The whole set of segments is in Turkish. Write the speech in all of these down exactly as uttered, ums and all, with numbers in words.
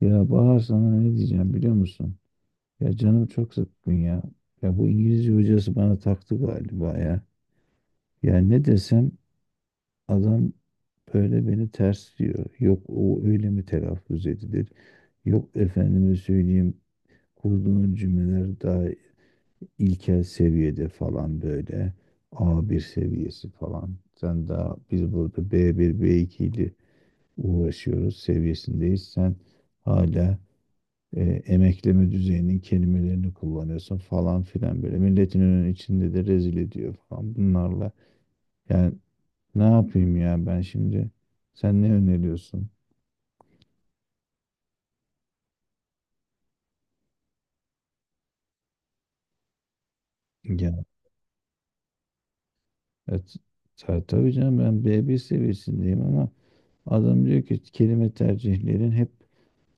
Ya Bahar, sana ne diyeceğim biliyor musun? Ya canım çok sıkkın ya. Ya bu İngilizce hocası bana taktı galiba ya. Ya ne desem adam böyle beni ters diyor. Yok, o öyle mi telaffuz edilir? Yok, efendime söyleyeyim, kurduğun cümleler daha ilkel seviyede falan böyle. A bir seviyesi falan. Sen daha biz burada b bir, b iki ile uğraşıyoruz seviyesindeyiz. Sen hala e, emekleme düzeyinin kelimelerini kullanıyorsun falan filan böyle. Milletin önünün içinde de rezil ediyor falan bunlarla. Yani ne yapayım ya ben şimdi? Sen ne öneriyorsun? Ya evet, ta- tabii canım, ben b bir seviyesindeyim ama adam diyor ki kelime tercihlerin hep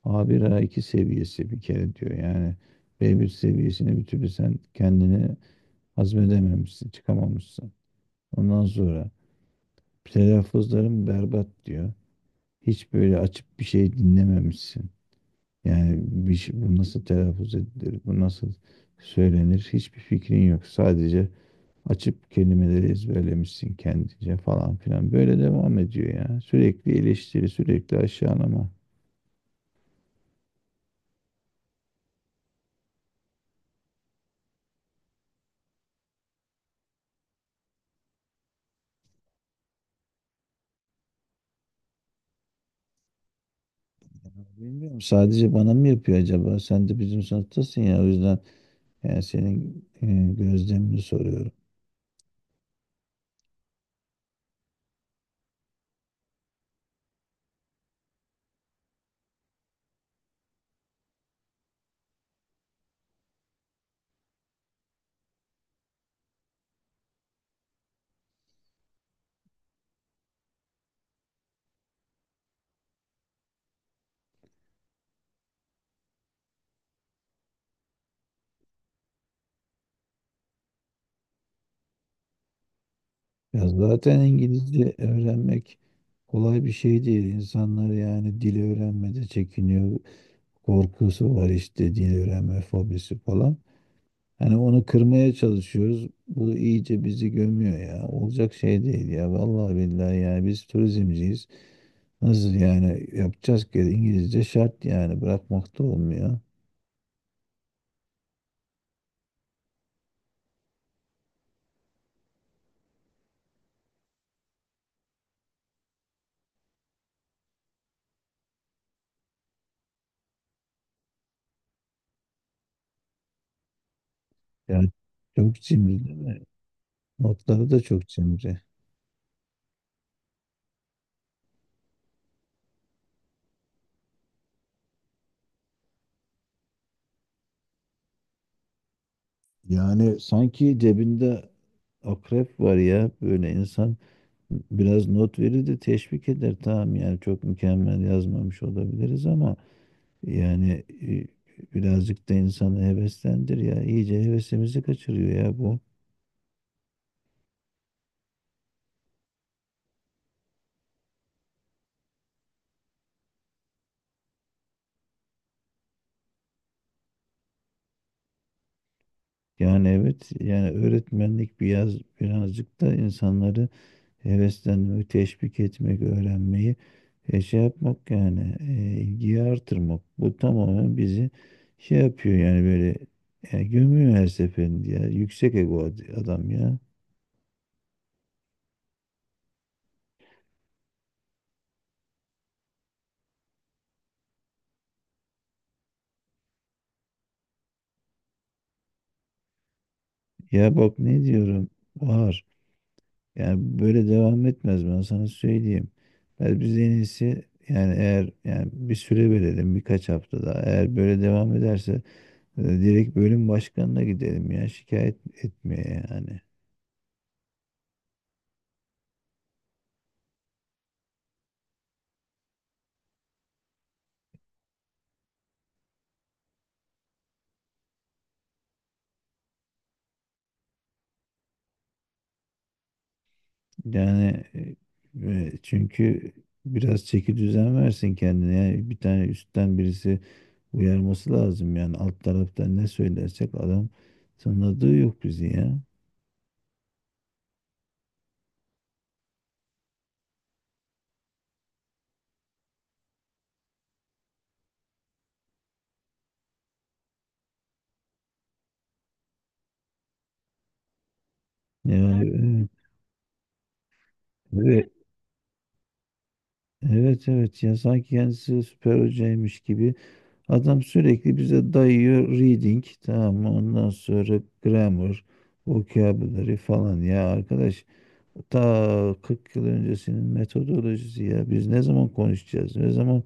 a bir, a iki seviyesi bir kere diyor. Yani b bir seviyesini bir türlü sen kendini hazmedememişsin, çıkamamışsın. Ondan sonra telaffuzlarım berbat diyor. Hiç böyle açıp bir şey dinlememişsin. Yani bir şey, bu nasıl telaffuz edilir, bu nasıl söylenir hiçbir fikrin yok. Sadece açıp kelimeleri ezberlemişsin kendince falan filan. Böyle devam ediyor ya. Sürekli eleştiri, sürekli aşağılama. Bilmiyorum, sadece bana mı yapıyor acaba? Sen de bizim sınıftasın ya, o yüzden yani senin e, gözlemini soruyorum. Ya zaten İngilizce öğrenmek kolay bir şey değil. İnsanlar yani dili öğrenmede çekiniyor, korkusu var, işte dil öğrenme fobisi falan. Hani onu kırmaya çalışıyoruz. Bu iyice bizi gömüyor ya. Olacak şey değil ya. Vallahi billahi yani biz turizmciyiz. Nasıl yani yapacağız ki, İngilizce şart yani, bırakmak da olmuyor. Yani çok cimri değil mi? Notları da çok cimri. Yani sanki cebinde akrep var ya, böyle insan biraz not verir de teşvik eder, tamam yani çok mükemmel yazmamış olabiliriz ama. Yani, e, birazcık da insanı heveslendir ya. İyice hevesimizi kaçırıyor ya bu. Yani evet yani, öğretmenlik biraz, birazcık da insanları heveslenmek, teşvik etmek, öğrenmeyi, e, şey yapmak yani, e, ilgiyi artırmak. Bu tamamen bizi şey yapıyor yani, böyle, e, gömüyor her seferinde ya. Yüksek ego ad- adam ya. Ya bak ne diyorum var. Yani böyle devam etmez, ben sana söyleyeyim. Ben biz en iyisi yani, eğer yani bir süre verelim, birkaç hafta daha. Eğer böyle devam ederse e, direkt bölüm başkanına gidelim ya, şikayet etmeye yani. Yani e, e, çünkü biraz çeki düzen versin kendine. Yani bir tane üstten birisi uyarması lazım yani, alt taraftan ne söylersek adam tanıdığı yok bizi ya. Yani evet. Evet evet, ya sanki kendisi süper hocaymış gibi. Adam sürekli bize dayıyor reading, tamam mı? Ondan sonra grammar, vocabulary falan ya arkadaş. Ta kırk yıl öncesinin metodolojisi ya. Biz ne zaman konuşacağız? Ne zaman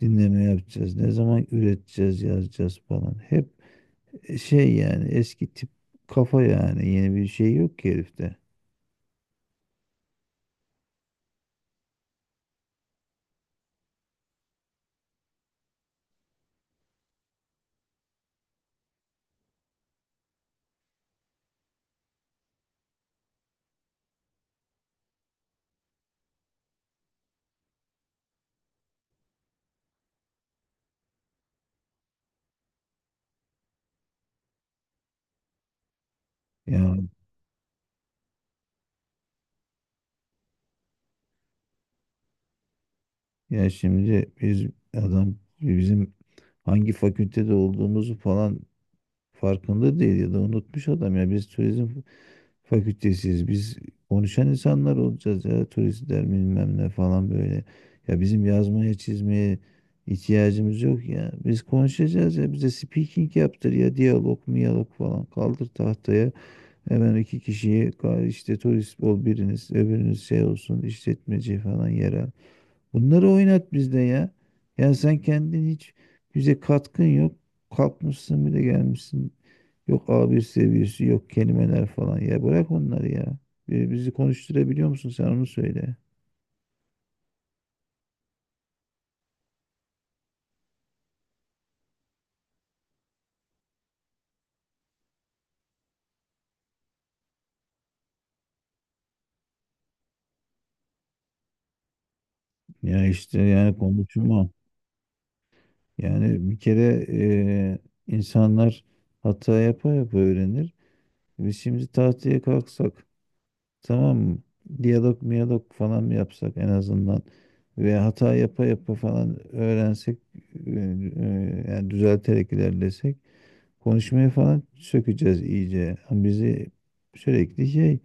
dinleme yapacağız? Ne zaman üreteceğiz, yazacağız falan. Hep şey yani, eski tip kafa yani. Yeni bir şey yok ki herifte. Ya, ya şimdi biz, adam bizim hangi fakültede olduğumuzu falan farkında değil ya da unutmuş adam ya, biz turizm fakültesiyiz, biz konuşan insanlar olacağız ya, turistler bilmem ne falan böyle. Ya bizim yazmaya çizmeye ihtiyacımız yok ya, biz konuşacağız ya. Bize speaking yaptır ya, diyalog miyalog falan, kaldır tahtaya hemen iki kişiyi, ka- işte turist ol biriniz, öbürünüz şey olsun, işletmeci falan, yerel. Bunları oynat bizde ya. Ya sen kendin hiç bize katkın yok. Kalkmışsın bir de gelmişsin. Yok a bir seviyesi, yok kelimeler falan. Ya bırak onları ya. Bi- Bizi konuşturabiliyor musun sen, onu söyle. Ya işte yani konuşma. Yani bir kere e, insanlar hata yapa yapa öğrenir. Biz şimdi tahtaya kalksak, tamam mı? Diyalog miyalog falan mı yapsak en azından, ve hata yapa yapa falan öğrensek, e, e, yani düzelterek ilerlesek, konuşmayı falan sökeceğiz iyice. Ama bizi sürekli şey,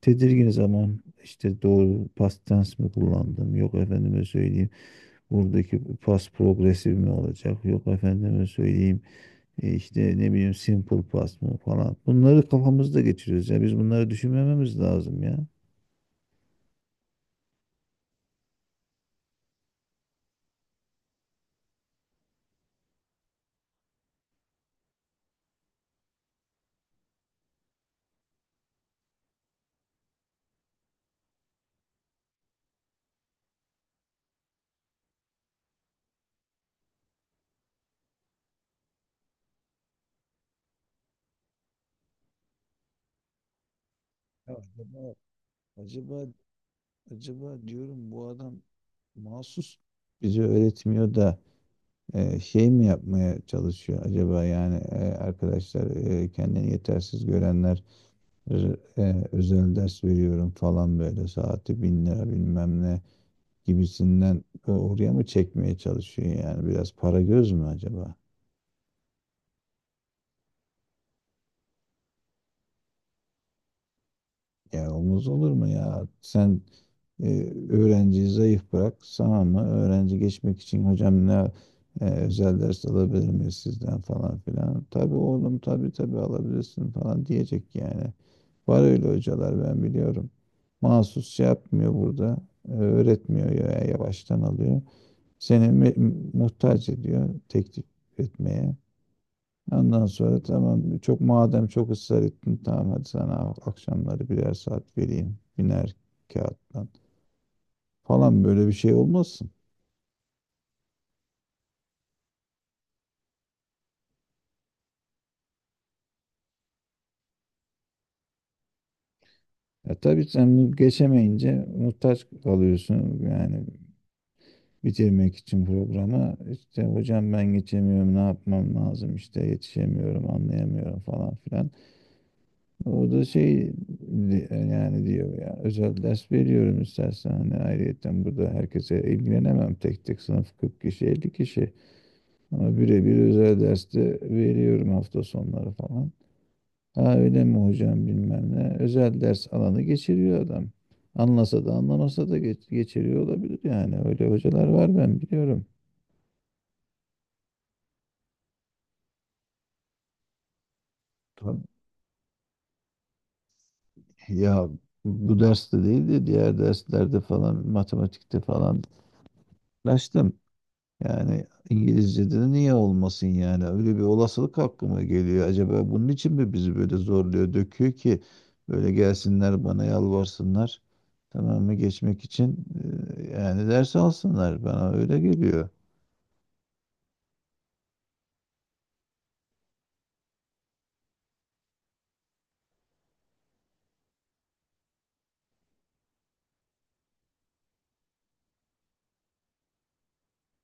tedirgin zaman, işte doğru past tense mi kullandım, yok efendime söyleyeyim buradaki past progresif mi olacak, yok efendime söyleyeyim e, işte ne bileyim simple past mı falan, bunları kafamızda geçiriyoruz ya, biz bunları düşünmememiz lazım ya. Ya acaba, acaba acaba diyorum, bu adam mahsus bize öğretmiyor da e, şey mi yapmaya çalışıyor acaba yani, e, arkadaşlar, e, kendini yetersiz görenler, e, özel ders veriyorum falan, böyle saati bin lira bilmem ne gibisinden o- oraya mı çekmeye çalışıyor yani, biraz para göz mü acaba? Ya olmaz olur mu ya? Sen e, öğrenciyi zayıf bırak. Sana mı? Öğrenci geçmek için, hocam ne, e, özel ders alabilir miyiz sizden falan filan. Tabii oğlum, tabii tabii alabilirsin falan diyecek yani. Var öyle hocalar, ben biliyorum. Mahsus şey yapmıyor burada. e, Öğretmiyor ya, yavaştan alıyor. Seni me- muhtaç ediyor teklif etmeye. Ondan sonra tamam, çok madem çok ısrar ettin tamam, hadi sana akşamları birer saat vereyim, biner kağıttan falan, böyle bir şey olmasın. Ya tabii, sen bu geçemeyince muhtaç kalıyorsun yani, bitirmek için programı, işte hocam ben geçemiyorum, ne yapmam lazım, işte yetişemiyorum, anlayamıyorum falan filan. O da şey, di- yani diyor ya, özel ders veriyorum istersen, hani ayrıyeten burada herkese ilgilenemem tek tek, sınıf kırk kişi, elli kişi. Ama birebir özel derste veriyorum hafta sonları falan. Ha öyle mi hocam, bilmem ne. Özel ders alanı geçiriyor adam. Anlasa da anlamasa da geç- geçiriyor olabilir yani. Öyle hocalar var, ben biliyorum. Tabii. Ya bu derste değil de diğer derslerde falan, matematikte falan uğraştım. Yani İngilizce'de de niye olmasın yani? Öyle bir olasılık aklıma geliyor. Acaba bunun için mi bizi böyle zorluyor, döküyor ki böyle gelsinler bana yalvarsınlar? Tamam mı? Geçmek için e, yani ders alsınlar. Bana öyle geliyor.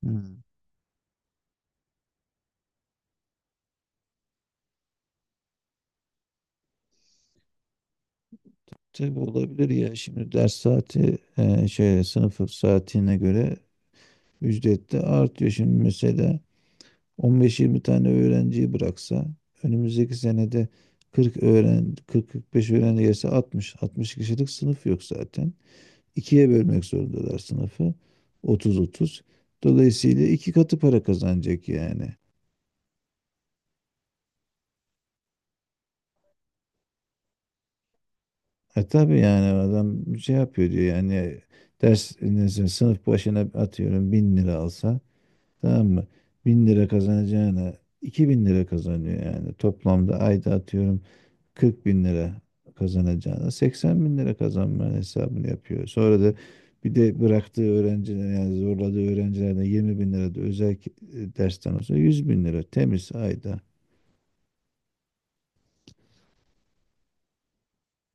Hmm. Tabii olabilir ya. Şimdi ders saati e, şöyle, sınıf saatine göre ücret de artıyor. Şimdi mesela on beş yirmi tane öğrenciyi bıraksa önümüzdeki senede kırk öğren kırk kırk beş öğrenci gelse, altmış altmış kişilik sınıf yok zaten. İkiye bölmek zorundalar sınıfı. otuz otuz. Dolayısıyla iki katı para kazanacak yani. E tabii yani, adam şey yapıyor diyor yani, ders neyse, sınıf başına atıyorum bin lira alsa, tamam mı? Bin lira kazanacağına iki bin lira kazanıyor yani. Toplamda ayda atıyorum kırk bin lira kazanacağına seksen bin lira kazanmanın hesabını yapıyor. Sonra da bir de bıraktığı öğrenciler yani zorladığı öğrencilerden yirmi bin lira da özel ki- e, dersten olsa, yüz bin lira temiz ayda.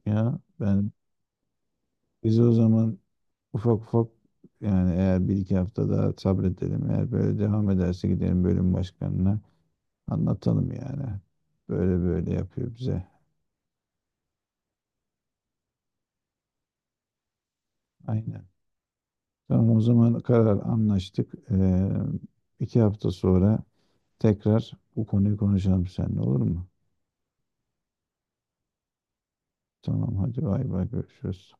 Ya ben biz o zaman ufak ufak, yani eğer bir iki hafta daha sabredelim, eğer böyle devam ederse gidelim bölüm başkanına anlatalım yani. Böyle böyle yapıyor bize. Aynen. Tamam, o zaman karar, anlaştık. Ee, iki hafta sonra tekrar bu konuyu konuşalım seninle, olur mu? Tamam hadi, bay bay, görüşürüz.